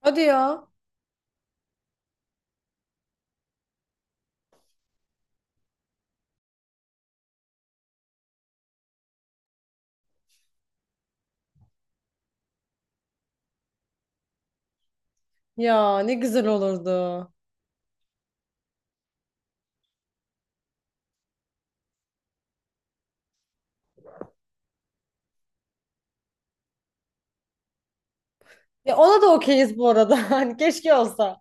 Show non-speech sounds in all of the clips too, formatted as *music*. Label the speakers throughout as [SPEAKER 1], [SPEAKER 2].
[SPEAKER 1] Hadi ya. Ya ne güzel olurdu. Ya ona da okeyiz bu arada. *laughs* Hani keşke olsa.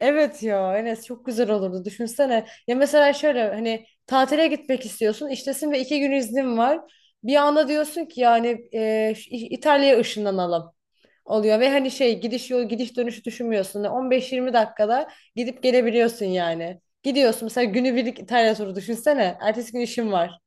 [SPEAKER 1] Evet ya Enes çok güzel olurdu. Düşünsene. Ya mesela şöyle hani tatile gitmek istiyorsun. İştesin ve 2 gün iznin var. Bir anda diyorsun ki yani şu İtalya'ya ışınlanalım oluyor. Ve hani şey gidiş yol gidiş dönüşü düşünmüyorsun. Yani 15-20 dakikada gidip gelebiliyorsun yani. Gidiyorsun mesela günübirlik İtalya turu düşünsene. Ertesi gün işin var.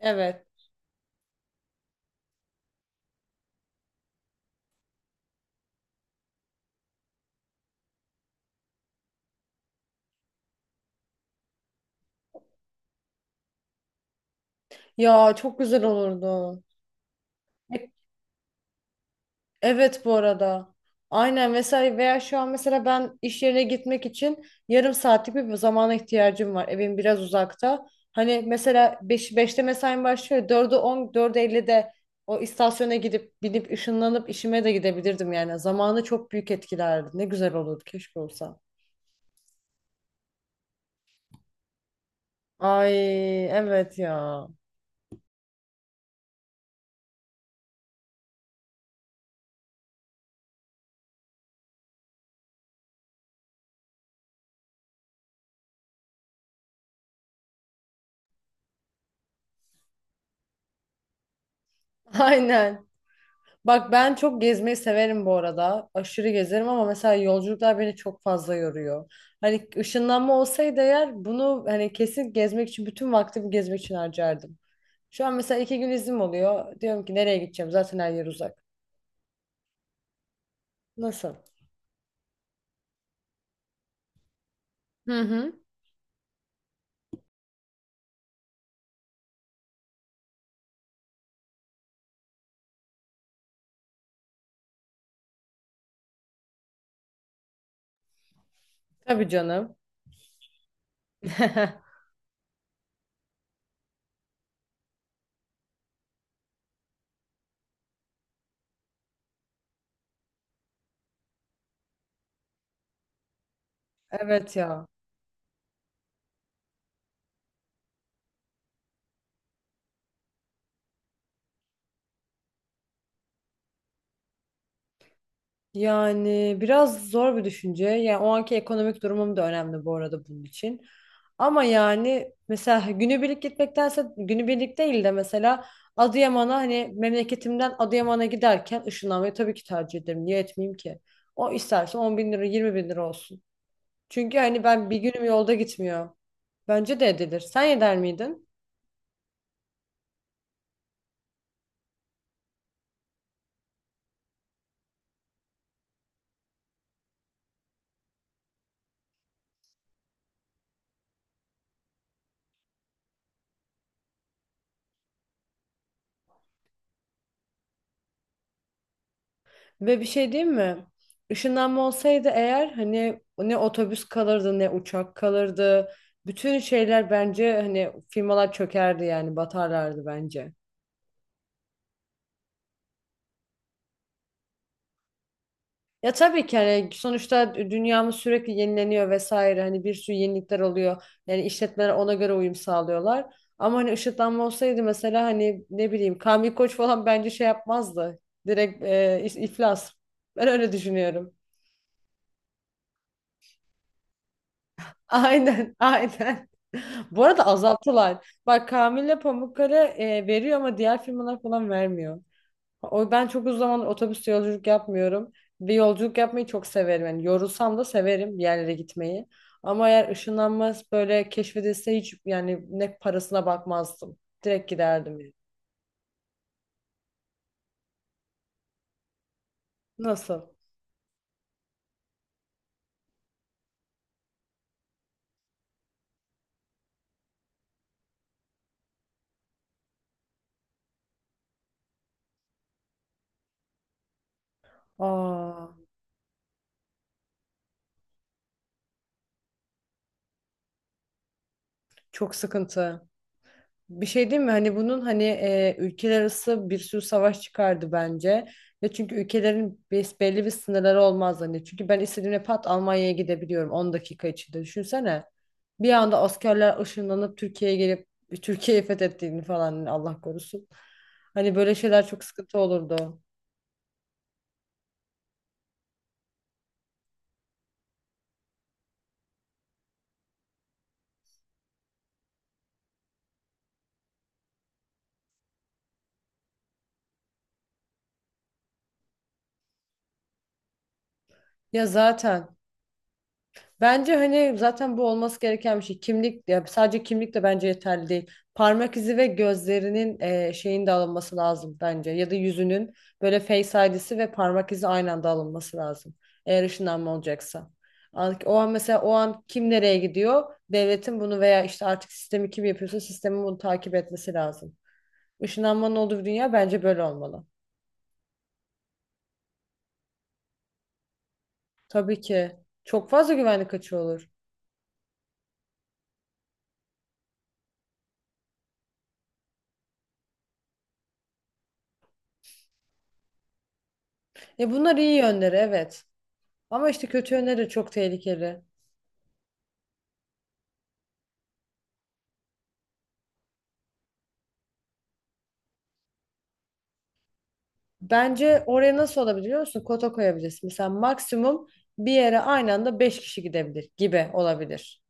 [SPEAKER 1] Evet. Ya çok güzel olurdu. Evet bu arada. Aynen vesaire veya şu an mesela ben iş yerine gitmek için yarım saatlik bir zamana ihtiyacım var. Evim biraz uzakta. Hani mesela beşte mesaim başlıyor. 4'e 10 4'e 50'de o istasyona gidip binip ışınlanıp işime de gidebilirdim yani. Zamanı çok büyük etkilerdi. Ne güzel olurdu keşke olsa. Ay evet ya. *laughs* Aynen. Bak ben çok gezmeyi severim bu arada. Aşırı gezerim ama mesela yolculuklar beni çok fazla yoruyor. Hani ışınlanma olsaydı eğer bunu hani kesin gezmek için bütün vaktimi gezmek için harcardım. Şu an mesela 2 gün iznim oluyor. Diyorum ki nereye gideceğim? Zaten her yer uzak. Nasıl? Hı hı. Tabii canım. *laughs* Evet ya. Yani biraz zor bir düşünce. Yani o anki ekonomik durumum da önemli bu arada bunun için. Ama yani mesela günübirlik gitmektense günübirlik değil de mesela Adıyaman'a hani memleketimden Adıyaman'a giderken ışınlanmayı tabii ki tercih ederim. Niye etmeyeyim ki? O isterse 10 bin lira 20 bin lira olsun. Çünkü hani ben bir günüm yolda gitmiyor. Bence de edilir. Sen eder miydin? Ve bir şey diyeyim mi? Işınlanma olsaydı eğer hani ne otobüs kalırdı ne uçak kalırdı. Bütün şeyler bence hani firmalar çökerdi yani batarlardı bence. Ya tabii ki hani sonuçta dünyamız sürekli yenileniyor vesaire hani bir sürü yenilikler oluyor. Yani işletmeler ona göre uyum sağlıyorlar. Ama hani ışınlanma olsaydı mesela hani ne bileyim Kamil Koç falan bence şey yapmazdı. Direkt iflas. Ben öyle düşünüyorum. Aynen, aynen. *laughs* Bu arada azalttılar. Bak Kamil'le Pamukkale veriyor ama diğer firmalar falan vermiyor. O ben çok uzun zamandır otobüste yolculuk yapmıyorum. Bir yolculuk yapmayı çok severim. Yani yorulsam da severim bir yerlere gitmeyi. Ama eğer ışınlanmaz böyle keşfedilse hiç yani ne parasına bakmazdım. Direkt giderdim yani. Nasıl? Aa, çok sıkıntı. Bir şey değil mi? Hani bunun hani ülkeler arası bir sürü savaş çıkardı bence. Ve çünkü ülkelerin belli bir sınırları olmaz hani. Çünkü ben istediğimde pat Almanya'ya gidebiliyorum 10 dakika içinde. Düşünsene. Bir anda askerler ışınlanıp Türkiye'ye gelip Türkiye'yi fethettiğini falan hani Allah korusun. Hani böyle şeyler çok sıkıntı olurdu. Ya zaten. Bence hani zaten bu olması gereken bir şey. Kimlik ya sadece kimlik de bence yeterli değil. Parmak izi ve gözlerinin şeyin de alınması lazım bence. Ya da yüzünün böyle face ID'si ve parmak izi aynı anda alınması lazım. Eğer ışınlanma olacaksa. O an mesela o an kim nereye gidiyor? Devletin bunu veya işte artık sistemi kim yapıyorsa sistemin bunu takip etmesi lazım. Işınlanmanın olduğu bir dünya bence böyle olmalı. Tabii ki. Çok fazla güvenlik açığı olur. E bunlar iyi yönleri, evet. Ama işte kötü yönleri de çok tehlikeli. Bence oraya nasıl olabilir biliyor musun? Kota koyabilirsin. Mesela maksimum bir yere aynı anda 5 kişi gidebilir gibi olabilir.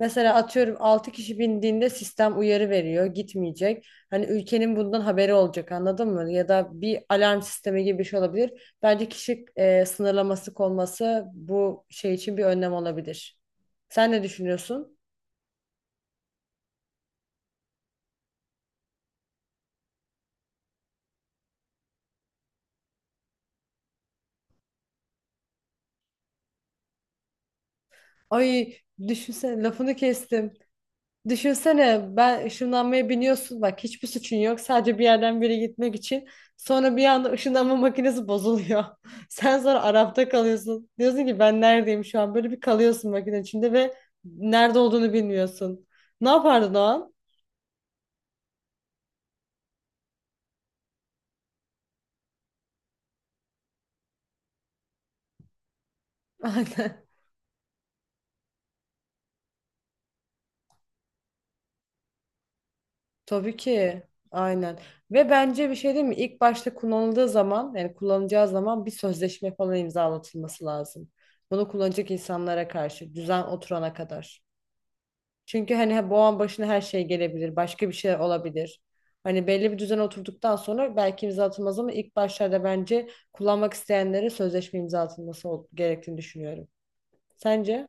[SPEAKER 1] Mesela atıyorum 6 kişi bindiğinde sistem uyarı veriyor, gitmeyecek. Hani ülkenin bundan haberi olacak anladın mı? Ya da bir alarm sistemi gibi bir şey olabilir. Bence kişi sınırlaması konması bu şey için bir önlem olabilir. Sen ne düşünüyorsun? Ay düşünsene lafını kestim. Düşünsene ben ışınlanmaya biniyorsun bak hiçbir suçun yok sadece bir yerden bir yere gitmek için sonra bir anda ışınlanma makinesi bozuluyor. *laughs* Sen sonra Arap'ta kalıyorsun diyorsun ki ben neredeyim şu an böyle bir kalıyorsun makine içinde ve nerede olduğunu bilmiyorsun. Ne yapardın o an? *laughs* Aynen. Tabii ki aynen ve bence bir şey değil mi? İlk başta kullanıldığı zaman yani kullanılacağı zaman bir sözleşme falan imzalatılması lazım. Bunu kullanacak insanlara karşı düzen oturana kadar. Çünkü hani bu an başına her şey gelebilir. Başka bir şey olabilir. Hani belli bir düzen oturduktan sonra belki imza atılmaz ama ilk başlarda bence kullanmak isteyenlere sözleşme imza atılması gerektiğini düşünüyorum. Sence?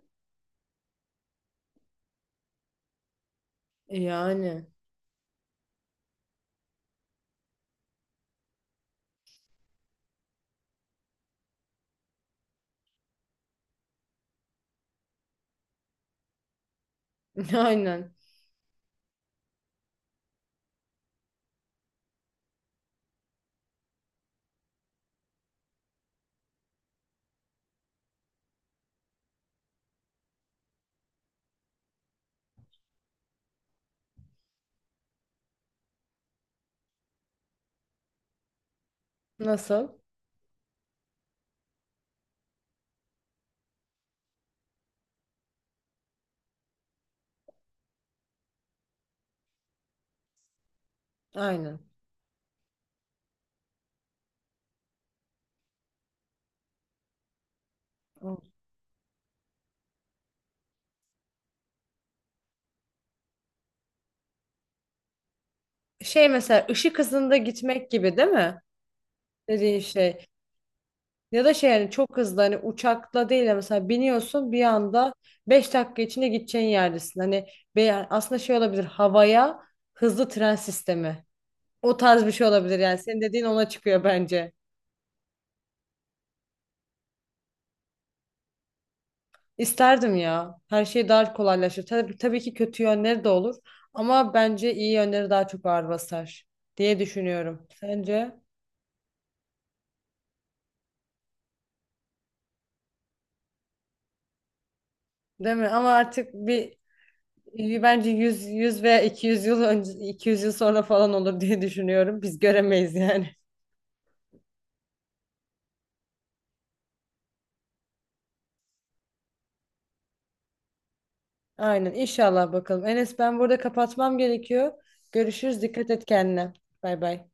[SPEAKER 1] Yani. *laughs* Aynen. Nasıl? Aynen. Şey mesela ışık hızında gitmek gibi değil mi? Dediğin şey. Ya da şey yani çok hızlı hani uçakla değil de mesela biniyorsun bir anda 5 dakika içinde gideceğin yerdesin. Hani aslında şey olabilir havaya hızlı tren sistemi. O tarz bir şey olabilir yani senin dediğin ona çıkıyor bence. İsterdim ya. Her şey daha kolaylaşır. Tabii, tabii ki kötü yönleri de olur ama bence iyi yönleri daha çok ağır basar diye düşünüyorum. Sence? Değil mi? Ama artık bir bir Bence 100 veya 200 yıl önce 200 yıl sonra falan olur diye düşünüyorum. Biz göremeyiz yani. Aynen inşallah bakalım. Enes ben burada kapatmam gerekiyor. Görüşürüz. Dikkat et kendine. Bay bay.